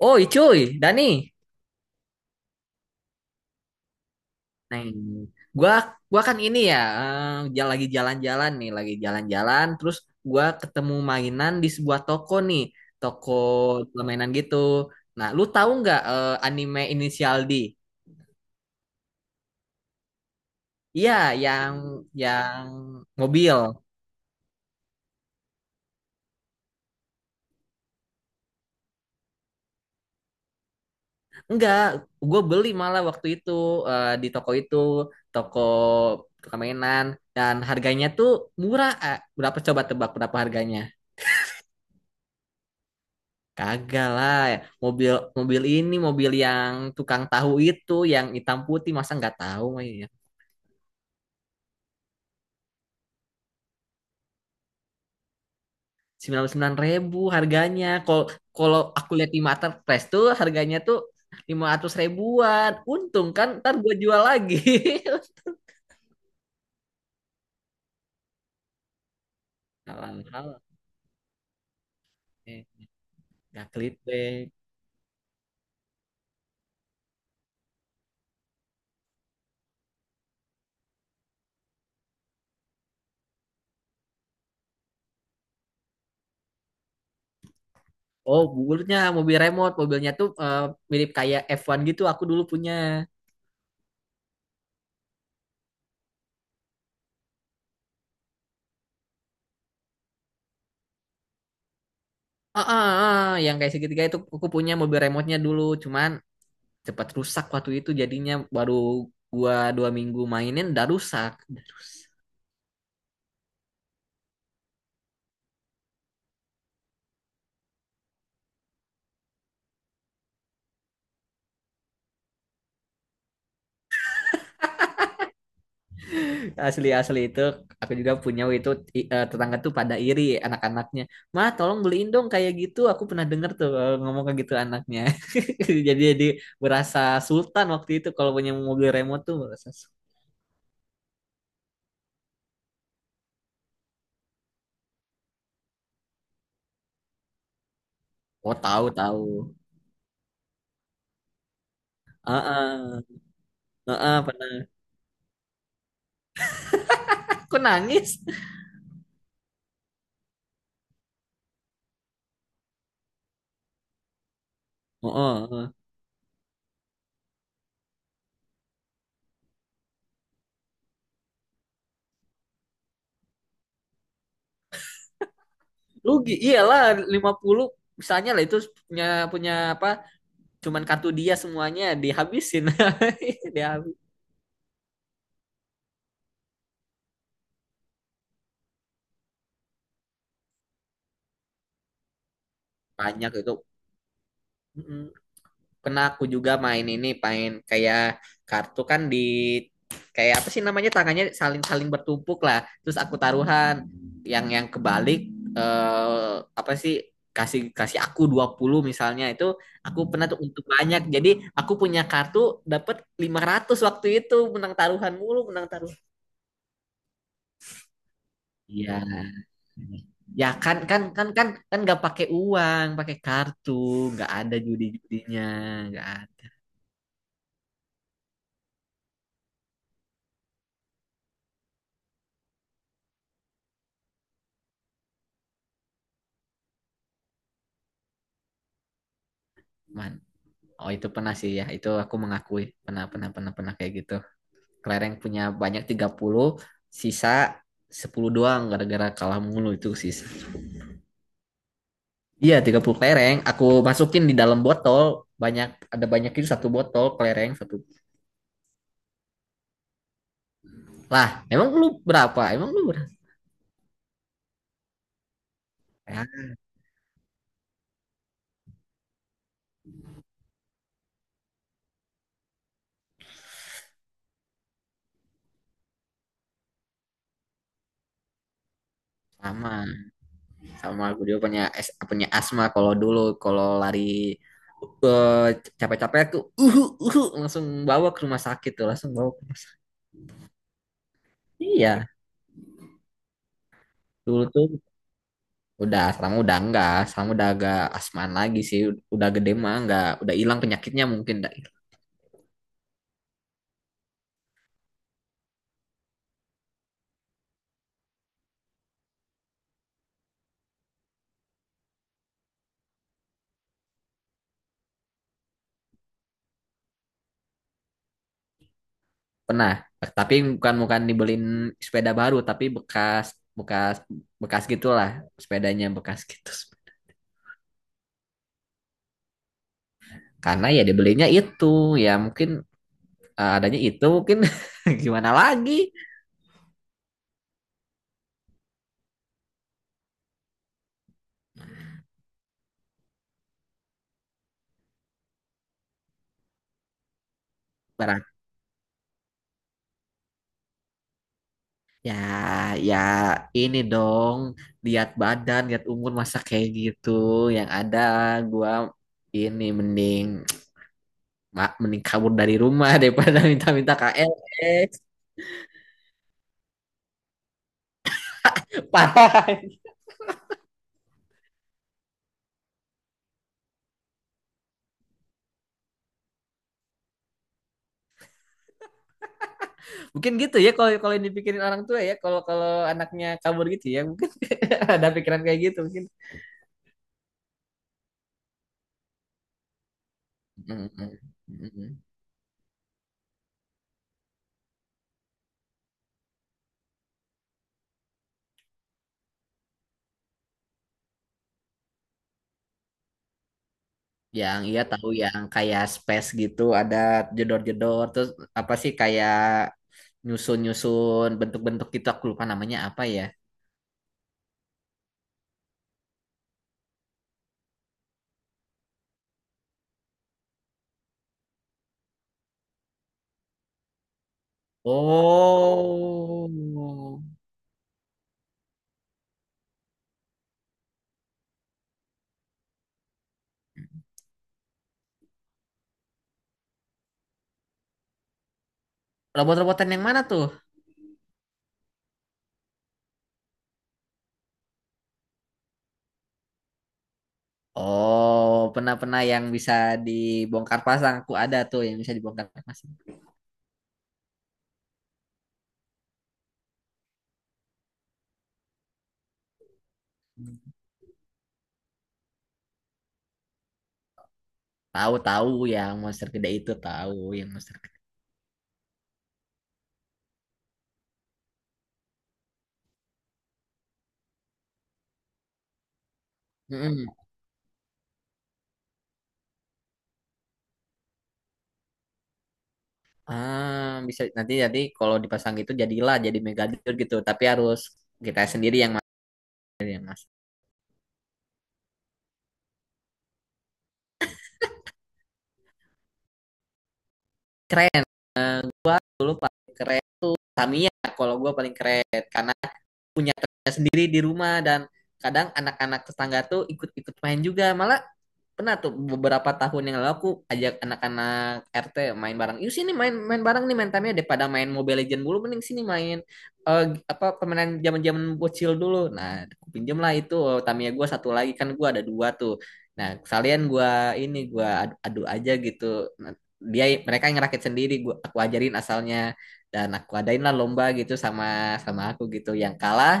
Oh, iya, cuy, Dani. Nah, ini. gua gua kan ini ya, lagi jalan-jalan nih, lagi jalan-jalan terus gua ketemu mainan di sebuah toko nih, toko permainan gitu. Nah, lu tahu nggak anime Inisial D? Iya, yang yang mobil. Enggak, gue beli malah waktu itu di toko itu, toko permainan dan harganya tuh murah. Eh. Berapa coba tebak berapa harganya? Kagak lah, mobil mobil ini mobil yang tukang tahu itu yang hitam putih masa nggak tahu mah ya. 99.000 harganya. Kalau kalau aku lihat di Marketplace tuh harganya tuh 500 ribuan. Untung kan ntar gue jual lagi. Halal halal. Eh, nggak clickbait. Oh, mobilnya mobil remote, mobilnya tuh mirip kayak F1 gitu aku dulu punya. Ah, ah, ah, yang kayak segitiga itu aku punya mobil remote-nya dulu, cuman cepat rusak waktu itu jadinya baru gua 2 minggu mainin udah rusak. Asli asli itu aku juga punya itu tetangga tuh pada iri anak-anaknya mah tolong beliin dong kayak gitu aku pernah denger tuh ngomong kayak gitu anaknya. Jadi berasa sultan waktu itu kalau punya mobil remote tuh berasa Oh, tahu tahu. Heeh, heeh, pernah. Aku nangis. Heeh. Rugi, iyalah 50 misalnya lah itu punya punya apa cuman kartu dia semuanya dihabisin dihabis banyak itu. Mm, Kena aku juga main ini main kayak kartu kan di kayak apa sih namanya tangannya saling saling bertumpuk lah terus aku taruhan yang kebalik eh, apa sih kasih kasih aku 20 misalnya itu aku pernah tuh untuk banyak jadi aku punya kartu dapat 500 waktu itu menang taruhan mulu menang taruhan. Iya. Ya kan kan kan kan kan nggak pakai uang, pakai kartu, nggak ada judi-judinya, nggak ada. Man. Oh itu pernah sih ya, itu aku mengakui pernah pernah pernah pernah kayak gitu. Kelereng punya banyak 30 sisa 10 doang gara-gara kalah mulu itu sisa. Iya 30 kelereng, aku masukin di dalam botol, banyak ada banyak itu satu botol kelereng satu. Lah, emang lu berapa? Emang lu berapa? Ya, sama. Sama aku juga punya punya asma kalau dulu kalau lari eh, capek-capek aku uhu uhu langsung bawa ke rumah sakit tuh langsung bawa ke iya dulu tuh udah sekarang udah enggak sekarang udah agak asmaan lagi sih udah gede mah enggak udah hilang penyakitnya mungkin enggak hilang. Pernah tapi bukan bukan dibeliin sepeda baru tapi bekas bekas bekas gitulah sepedanya bekas gitu karena ya dibelinya itu ya mungkin adanya itu mungkin gimana lagi barang. Ya, ya ini dong, lihat badan, lihat umur masa kayak gitu. Yang ada gua ini mending mending kabur dari rumah daripada minta-minta KLX. Parah. Mungkin gitu ya kalau kalau yang dipikirin orang tua ya, kalau kalau anaknya kabur gitu ya, mungkin ada pikiran kayak gitu mungkin. Mm, mm, mm, mm. Yang iya tahu yang kayak space gitu ada jedor-jedor terus apa sih kayak nyusun-nyusun bentuk-bentuk gitu aku lupa namanya apa ya. Oh. Robot-robotan yang mana tuh? Oh, pernah-pernah yang bisa dibongkar pasang. Aku ada tuh yang bisa dibongkar pasang. Tahu-tahu yang monster gede itu tahu yang monster. Mm-mm. Ah, bisa nanti jadi kalau dipasang gitu jadilah jadi megadir gitu, tapi harus kita sendiri yang mas. Yang mas. Keren keren Tamiya kalau gue paling keren karena punya temennya sendiri di rumah dan kadang anak-anak tetangga tuh ikut-ikut main juga malah pernah tuh beberapa tahun yang lalu aku ajak anak-anak RT main bareng. Yuk sini main main bareng nih main tamnya daripada main Mobile Legend dulu mending sini main eh, apa permainan zaman-zaman bocil dulu. Nah, aku pinjem lah itu Tamiya gua satu lagi kan gue ada dua tuh. Nah, sekalian gue ini gue adu, adu aja gitu. Nah, dia mereka yang ngerakit sendiri gua aku ajarin asalnya dan aku adain lah lomba gitu sama sama aku gitu. Yang kalah,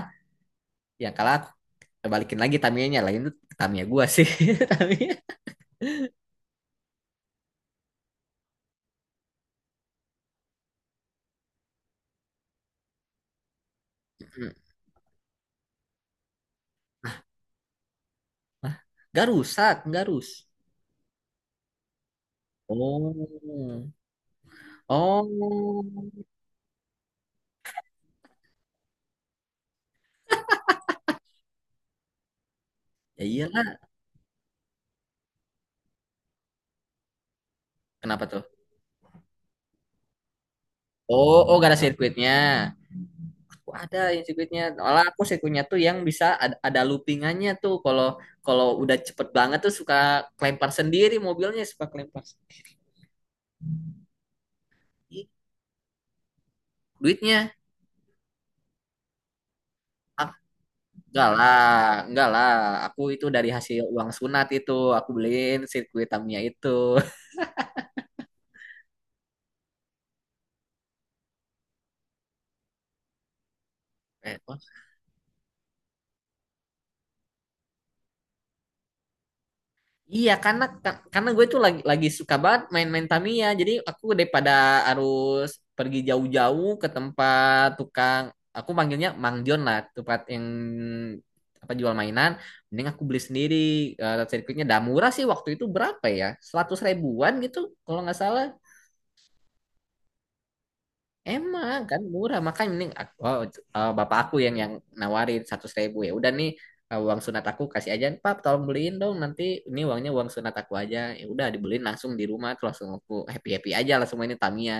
yang kalah aku balikin lagi nya lah itu Tamiya gue sih. Tamiya. Gak rusak, gak rus. Oh, oh, ya iyalah. Kenapa tuh? Oh, oh, gak ada sirkuitnya. Aku ada yang sirkuitnya. Malah aku sirkuitnya tuh yang bisa ada, loopingannya tuh. Kalau kalau udah cepet banget tuh suka kelempar sendiri mobilnya, suka kelempar sendiri. Duitnya, ah, enggak lah, enggak lah. Aku itu dari hasil uang sunat itu, aku beliin sirkuit Tamiya itu. Eh, Iya, karena karena gue tuh lagi suka banget main-main Tamiya. Jadi aku daripada harus pergi jauh-jauh ke tempat tukang, aku manggilnya Mang Jon lah, tempat yang apa jual mainan. Mending aku beli sendiri. Sirkuitnya dah murah sih waktu itu berapa ya? 100 ribuan gitu kalau nggak salah. Emang kan murah makanya mending aku, oh, bapak aku yang nawarin 100.000 ya udah nih uang sunat aku kasih aja Pap tolong beliin dong nanti ini uangnya uang sunat aku aja ya udah dibeliin langsung di rumah tuh langsung aku happy happy aja langsung mainin Tamiya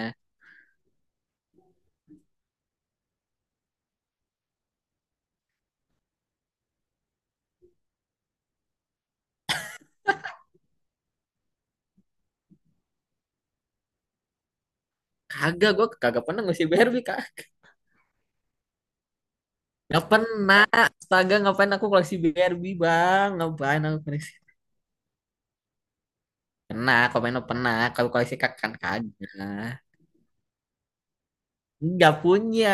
kagak gue, kagak pernah ngoleksi Barbie kak nggak pernah astaga ngapain aku koleksi Barbie bang ngapain aku koleksi pernah kalau main mah pernah kalau koleksi kak kan kagak nggak punya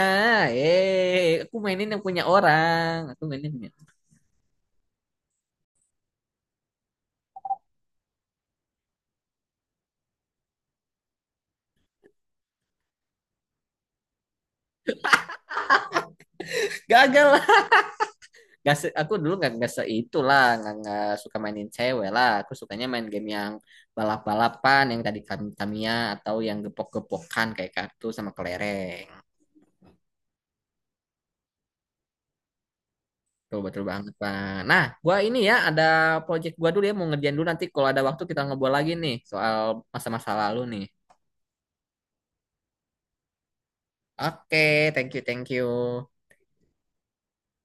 aku mainin yang punya orang aku mainin yang punya gagal Gak aku dulu nggak se itulah nggak suka mainin cewek lah aku sukanya main game yang balap balapan yang tadi Tamiya atau yang gepok gepokan kayak kartu sama kelereng tuh betul banget pak nah gua ini ya ada project gua dulu ya mau ngerjain dulu nanti kalau ada waktu kita ngobrol lagi nih soal masa-masa lalu nih oke thank you